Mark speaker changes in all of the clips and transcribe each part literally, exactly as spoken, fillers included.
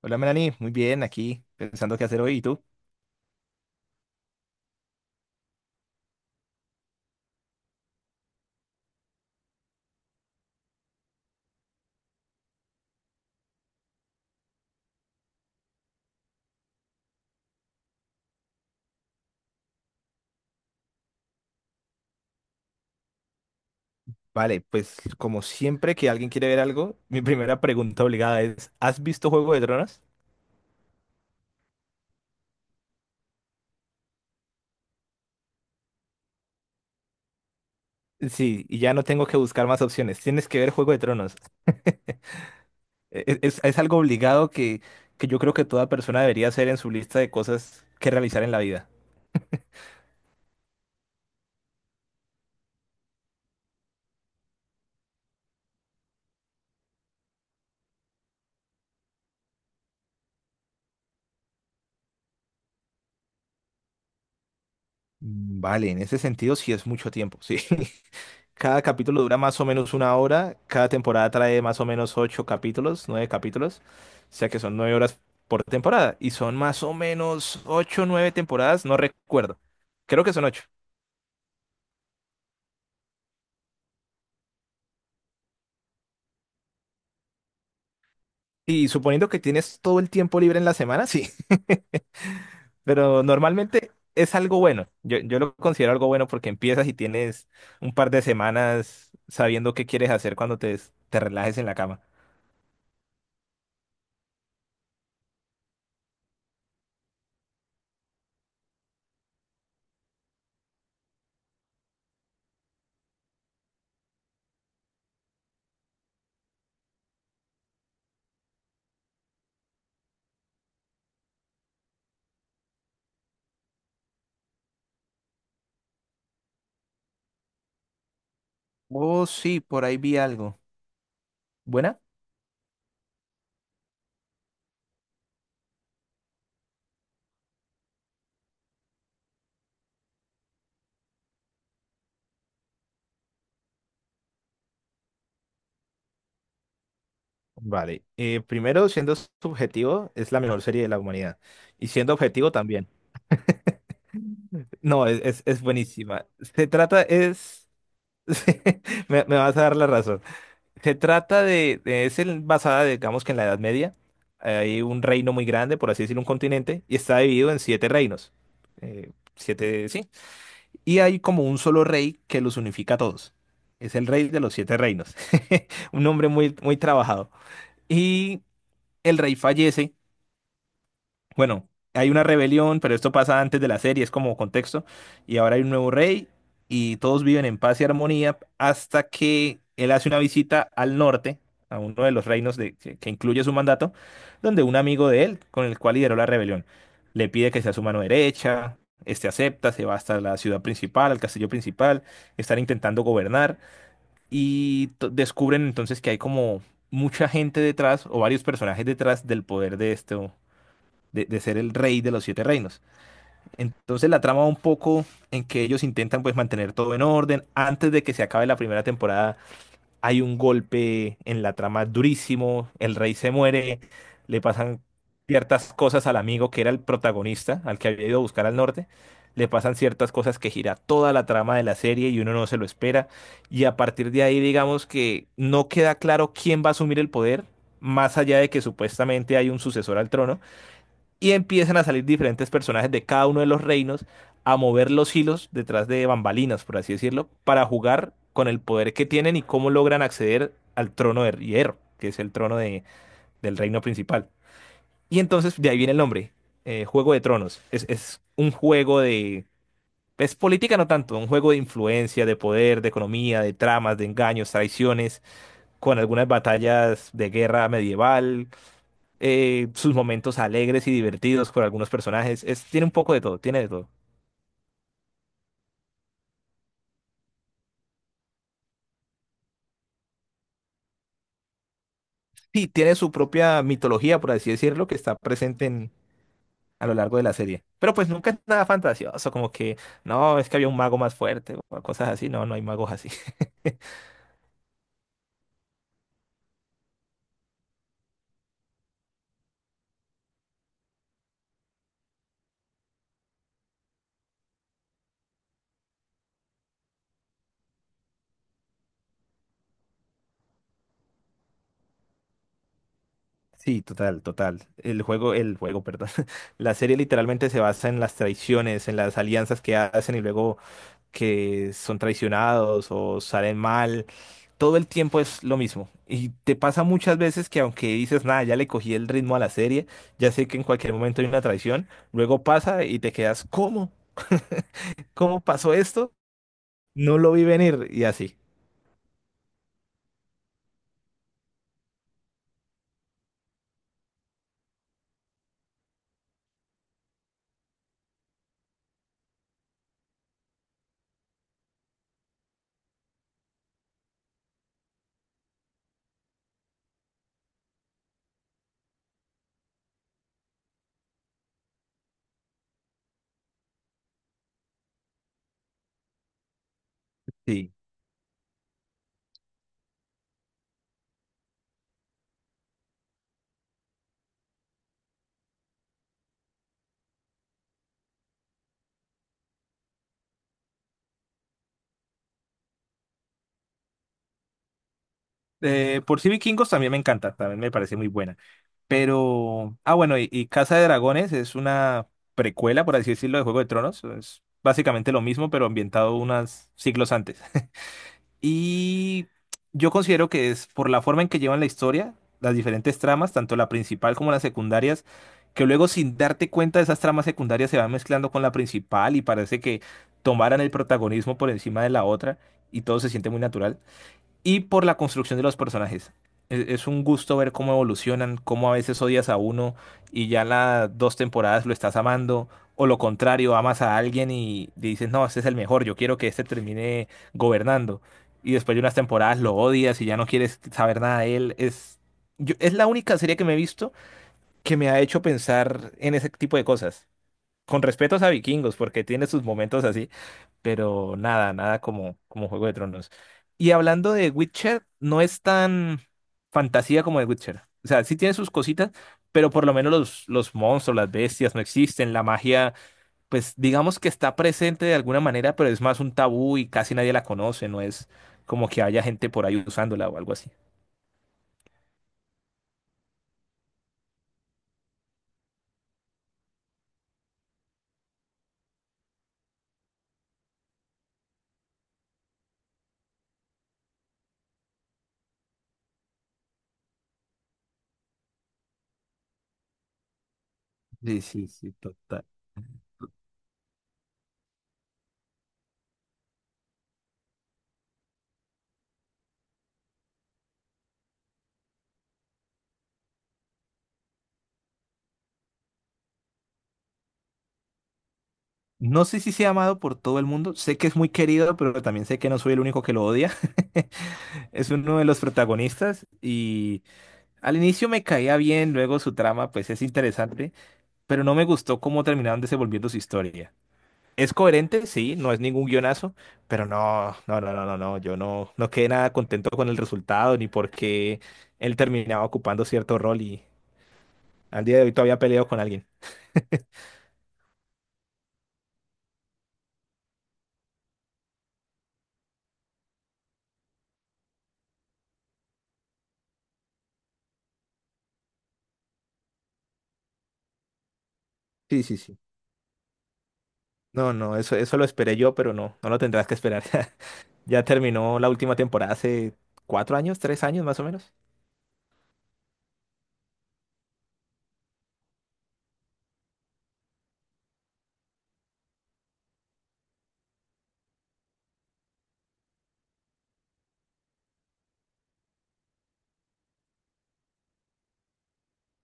Speaker 1: Hola Melanie, muy bien, aquí pensando qué hacer hoy. ¿Y tú? Vale, pues como siempre que alguien quiere ver algo, mi primera pregunta obligada es, ¿has visto Juego de Tronos? Sí, y ya no tengo que buscar más opciones. Tienes que ver Juego de Tronos. E- e, Es, es algo obligado que, que yo creo que toda persona debería hacer en su lista de cosas que realizar en la vida. Mm, Vale, en ese sentido sí es mucho tiempo, sí. Cada capítulo dura más o menos una hora. Cada temporada trae más o menos ocho capítulos, nueve capítulos. O sea que son nueve horas por temporada. Y son más o menos ocho, o nueve temporadas, no recuerdo. Creo que son ocho. Y suponiendo que tienes todo el tiempo libre en la semana, sí. Pero normalmente es algo bueno. Yo, yo lo considero algo bueno porque empiezas y tienes un par de semanas sabiendo qué quieres hacer cuando te, te relajes en la cama. Oh, sí, por ahí vi algo. ¿Buena? Vale. Eh, primero, siendo subjetivo, es la mejor serie de la humanidad. Y siendo objetivo también. No, es, es, es buenísima. Se trata, es... me, Me vas a dar la razón. Se trata de, de- es el- basada, digamos que en la Edad Media. Hay un reino muy grande, por así decirlo, un continente, y está dividido en siete reinos. Eh, siete, sí. Y hay como un solo rey que los unifica a todos. Es el rey de los siete reinos. Un hombre muy, muy trabajado. Y el rey fallece. Bueno, hay una rebelión, pero esto pasa antes de la serie, es como contexto. Y ahora hay un nuevo rey y todos viven en paz y armonía hasta que él hace una visita al norte, a uno de los reinos de- que, que incluye su mandato, donde un amigo de él, con el cual lideró la rebelión, le pide que sea su mano derecha. Este acepta, se va hasta la ciudad principal, al castillo principal, están intentando gobernar y to- descubren entonces que hay como mucha gente detrás o varios personajes detrás del poder de este de, de ser el rey de los siete reinos. Entonces la trama va un poco en que ellos intentan pues mantener todo en orden. Antes de que se acabe la primera temporada hay un golpe en la trama durísimo, el rey se muere, le pasan ciertas cosas al amigo que era el protagonista, al que había ido a buscar al norte. Le pasan ciertas cosas que gira toda la trama de la serie y uno no se lo espera. Y a partir de ahí, digamos que no queda claro quién va a asumir el poder, más allá de que supuestamente hay un sucesor al trono y empiezan a salir diferentes personajes de cada uno de los reinos a mover los hilos detrás de bambalinas, por así decirlo, para jugar con el poder que tienen y cómo logran acceder al trono de hierro, que es el trono de- del reino principal. Y entonces de ahí viene el nombre, eh, Juego de Tronos. Es, es un juego de... Es política no tanto, un juego de influencia, de poder, de economía, de tramas, de engaños, traiciones, con algunas batallas de guerra medieval, eh, sus momentos alegres y divertidos por algunos personajes. Es, tiene un poco de todo, tiene de todo. Sí, tiene su propia mitología, por así decirlo, que está presente en, a lo largo de la serie. Pero pues nunca es nada fantasioso, como que, no, es que había un mago más fuerte o cosas así. No, no hay magos así. Sí, total, total. El juego, el juego, perdón. La serie literalmente se basa en las traiciones, en las alianzas que hacen y luego que son traicionados o salen mal. Todo el tiempo es lo mismo. Y te pasa muchas veces que aunque dices, nada, ya le cogí el ritmo a la serie, ya sé que en cualquier momento hay una traición, luego pasa y te quedas, ¿cómo? ¿Cómo pasó esto? No lo vi venir y así. Sí. Eh, por sí Vikingos también me encanta, también me parece muy buena. Pero, ah, bueno, y, y Casa de Dragones es una precuela, por así decirlo, de Juego de Tronos. Es básicamente lo mismo, pero ambientado unos siglos antes. Y yo considero que es por la forma en que llevan la historia, las diferentes tramas, tanto la principal como las secundarias, que luego sin darte cuenta esas tramas secundarias se van mezclando con la principal y parece que tomaran el protagonismo por encima de la otra y todo se siente muy natural y por la construcción de los personajes. Es, es un gusto ver cómo evolucionan, cómo a veces odias a uno y ya las dos temporadas lo estás amando, o lo contrario, amas a alguien y dices, no, este es el mejor, yo quiero que este termine gobernando. Y después de unas temporadas lo odias y ya no quieres saber nada de él. Es, yo- es la única serie que me he visto que me ha hecho pensar en ese tipo de cosas con respetos a Vikingos, porque tiene sus momentos así, pero nada, nada como, como Juego de Tronos. Y hablando de Witcher, no es tan fantasía como de Witcher. O sea, sí tiene sus cositas, pero por lo menos los, los monstruos, las bestias no existen, la magia, pues digamos que está presente de alguna manera, pero es más un tabú y casi nadie la conoce, no es como que haya gente por ahí usándola o algo así. Sí, sí, sí, total. No sé si sea amado por todo el mundo, sé que es muy querido, pero también sé que no soy el único que lo odia. Es uno de los protagonistas y al inicio me caía bien, luego su trama pues es interesante, pero no me gustó cómo terminaron desenvolviendo su historia. Es coherente, sí, no es ningún guionazo, pero no, no, no, no, no, no, yo no, no quedé nada contento con el resultado ni porque él terminaba ocupando cierto rol y al día de hoy todavía peleo con alguien. Sí, sí, sí. No, no, eso, eso lo esperé yo, pero no, no lo tendrás que esperar. Ya terminó la última temporada hace cuatro años, tres años más o menos.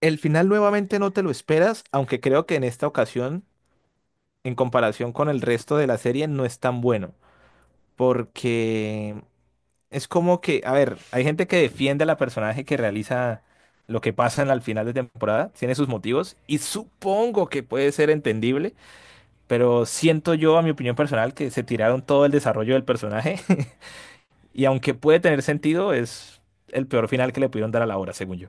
Speaker 1: El final nuevamente no te lo esperas, aunque creo que en esta ocasión, en comparación con el resto de la serie, no es tan bueno. Porque es como que, a ver, hay gente que defiende a la personaje que realiza lo que pasa en la- al final de temporada, tiene sus motivos, y supongo que puede ser entendible, pero siento yo, a mi opinión personal, que se tiraron todo el desarrollo del personaje, y aunque puede tener sentido, es el peor final que le pudieron dar a la obra, según yo.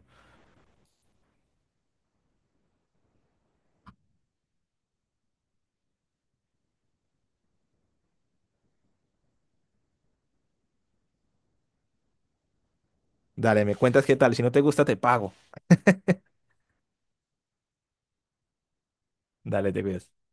Speaker 1: Dale, me cuentas qué tal. Si no te gusta, te pago. Dale, te cuidas.